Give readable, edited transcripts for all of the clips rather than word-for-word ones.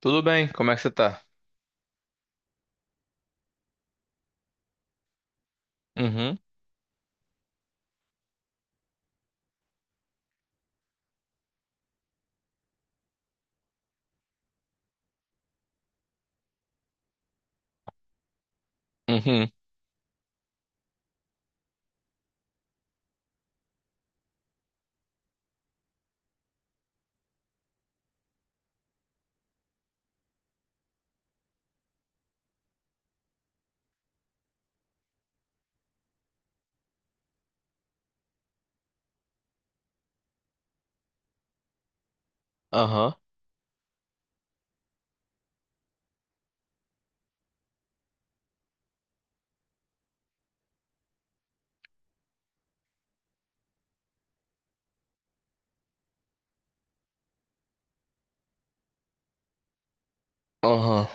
Tudo bem, como é que você tá? Uhum, uhum, aham, aham,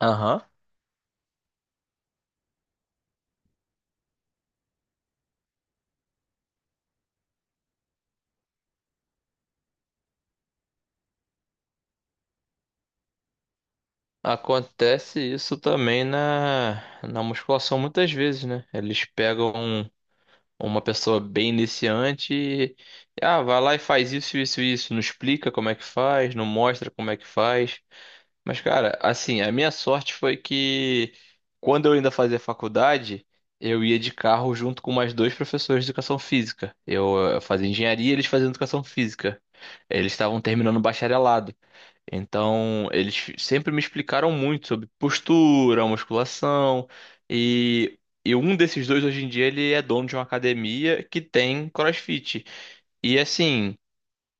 aham. Acontece isso também na musculação muitas vezes, né? Eles pegam uma pessoa bem iniciante e, ah, vai lá e faz isso, isso, isso. Não explica como é que faz, não mostra como é que faz. Mas, cara, assim, a minha sorte foi que quando eu ainda fazia faculdade, eu ia de carro junto com mais dois professores de educação física. Eu fazia engenharia e eles faziam educação física. Eles estavam terminando o bacharelado. Então, eles sempre me explicaram muito sobre postura, musculação. E, e um desses dois, hoje em dia, ele é dono de uma academia que tem CrossFit. E, assim,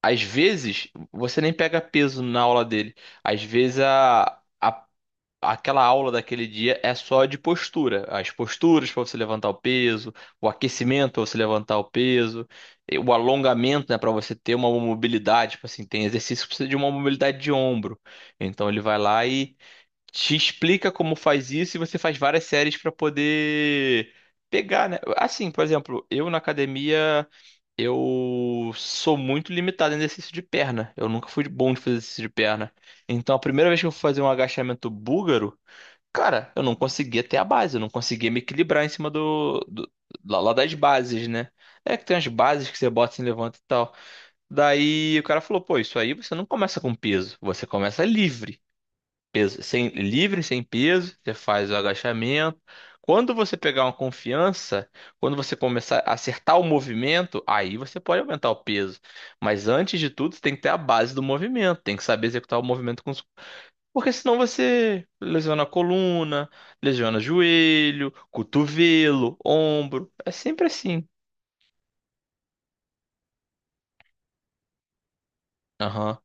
às vezes, você nem pega peso na aula dele. Às vezes, a. a aquela aula daquele dia é só de postura, as posturas para você levantar o peso, o aquecimento para você levantar o peso, e o alongamento, né, para você ter uma mobilidade, tipo assim, tem exercício que precisa de uma mobilidade de ombro. Então ele vai lá e te explica como faz isso e você faz várias séries para poder pegar, né? Assim, por exemplo, eu na academia eu sou muito limitado em exercício de perna. Eu nunca fui bom de fazer exercício de perna. Então, a primeira vez que eu fui fazer um agachamento búlgaro, cara, eu não conseguia ter a base, eu não conseguia me equilibrar em cima do lá das bases, né? É que tem as bases que você bota assim, levanta e tal. Daí o cara falou, pô, isso aí você não começa com peso, você começa livre. Peso, sem, livre, sem peso, você faz o agachamento. Quando você pegar uma confiança, quando você começar a acertar o movimento, aí você pode aumentar o peso. Mas antes de tudo, você tem que ter a base do movimento, tem que saber executar o movimento com". Porque senão você lesiona a coluna, lesiona joelho, cotovelo, ombro. É sempre assim. Aham,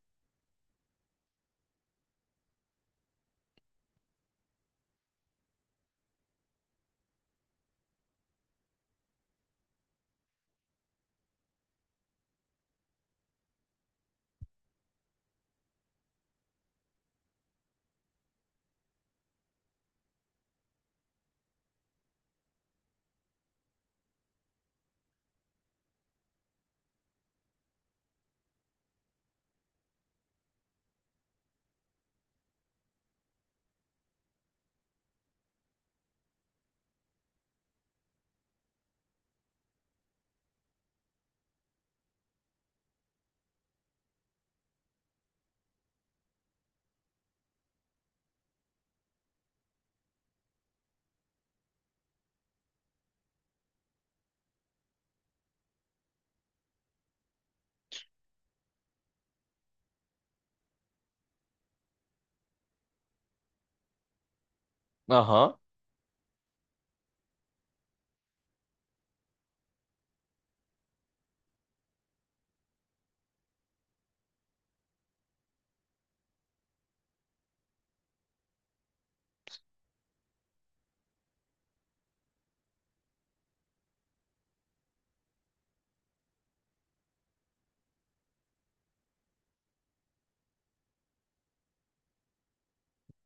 aham.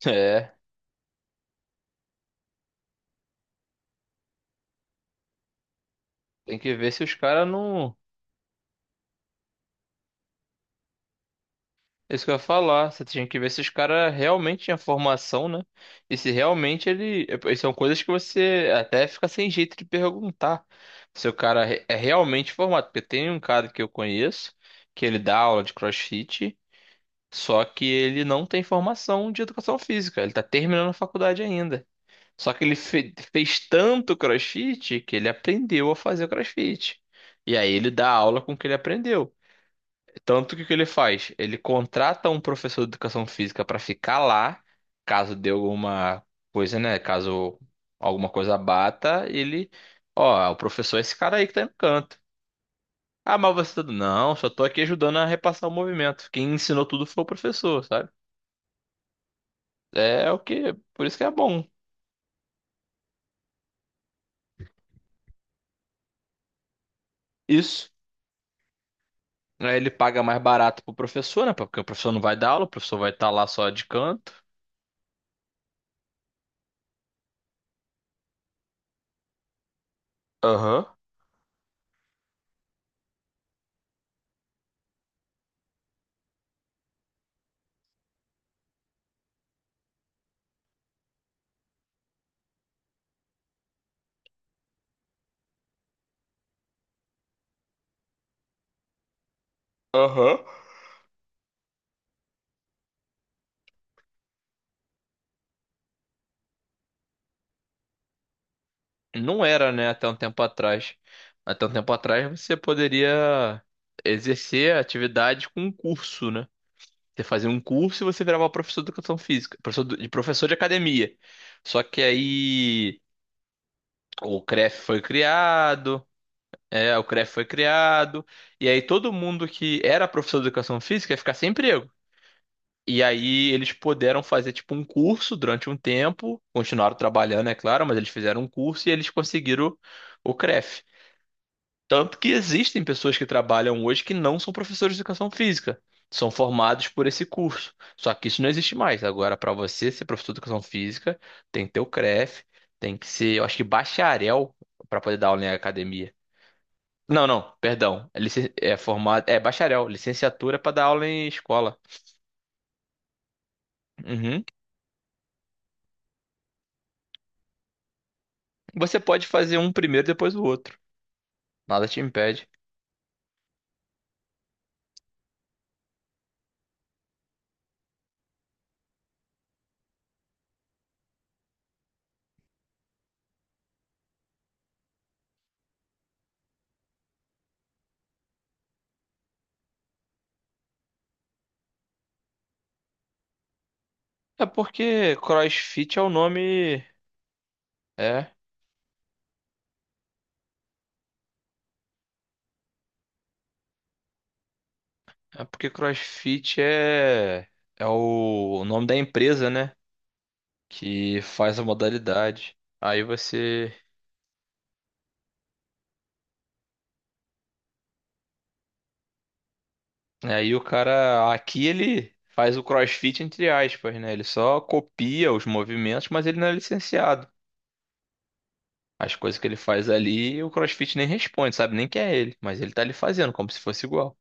É. Tem que ver se os caras não. É isso que eu ia falar. Você tinha que ver se os caras realmente tinham formação, né? E se realmente ele. São coisas que você até fica sem jeito de perguntar. Se o cara é realmente formado. Porque tem um cara que eu conheço, que ele dá aula de CrossFit. Só que ele não tem formação de educação física, ele tá terminando a faculdade ainda. Só que ele fez tanto CrossFit que ele aprendeu a fazer o CrossFit. E aí ele dá aula com o que ele aprendeu. Tanto que o que ele faz? Ele contrata um professor de educação física para ficar lá, caso dê alguma coisa, né? Caso alguma coisa bata, ele, ó, o professor é esse cara aí que tá aí no canto. Ah, mas você tá... Não, só tô aqui ajudando a repassar o movimento. Quem ensinou tudo foi o professor, sabe? É o que, por isso que é bom. Isso. Aí ele paga mais barato pro professor, né? Porque o professor não vai dar aula, o professor vai estar lá só de canto. Aham, aham. Não era, né, até um tempo atrás. Até um tempo atrás você poderia exercer a atividade com um curso, né? Você fazia um curso e você virava professor de educação física, professor de academia. Só que aí o CREF foi criado. É, o CREF foi criado, e aí todo mundo que era professor de educação física ia ficar sem emprego. E aí eles puderam fazer tipo um curso durante um tempo, continuaram trabalhando, é claro, mas eles fizeram um curso e eles conseguiram o CREF. Tanto que existem pessoas que trabalham hoje que não são professores de educação física, são formados por esse curso. Só que isso não existe mais. Agora, para você ser professor de educação física, tem que ter o CREF, tem que ser, eu acho que bacharel para poder dar aula em academia. Não, não, perdão. É, é formado, é bacharel, licenciatura para dar aula em escola. Uhum. Você pode fazer um primeiro depois o outro. Nada te impede. É porque CrossFit é o nome. É, é, porque CrossFit é o nome da empresa, né? Que faz a modalidade. Aí você, aí o cara aqui ele faz o CrossFit entre aspas, né? Ele só copia os movimentos, mas ele não é licenciado. As coisas que ele faz ali, o CrossFit nem responde, sabe? Nem que é ele, mas ele tá ali fazendo como se fosse igual.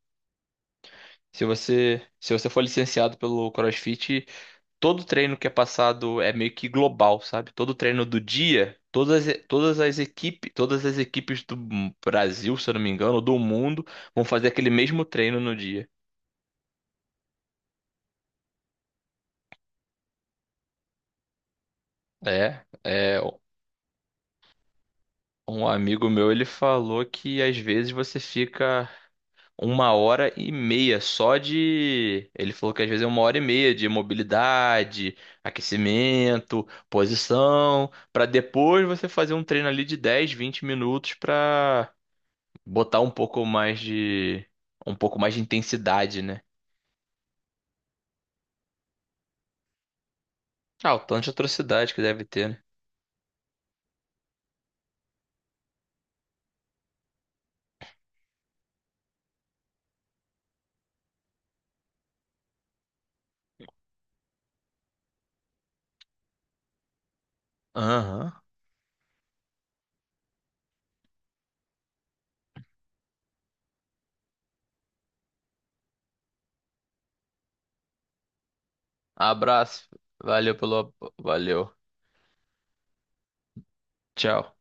Se você for licenciado pelo CrossFit, todo treino que é passado é meio que global, sabe? Todo treino do dia, todas as equipes do Brasil, se eu não me engano, ou do mundo, vão fazer aquele mesmo treino no dia. É, é, um amigo meu, ele falou que às vezes você fica uma hora e meia só de. Ele falou que às vezes é uma hora e meia de mobilidade, aquecimento, posição, pra depois você fazer um treino ali de 10 20 minutos pra botar um pouco mais de. Intensidade, né? Ah, o tanto de atrocidade que deve ter, né? Aham. Abraço. Valeu pelo. Valeu. Tchau.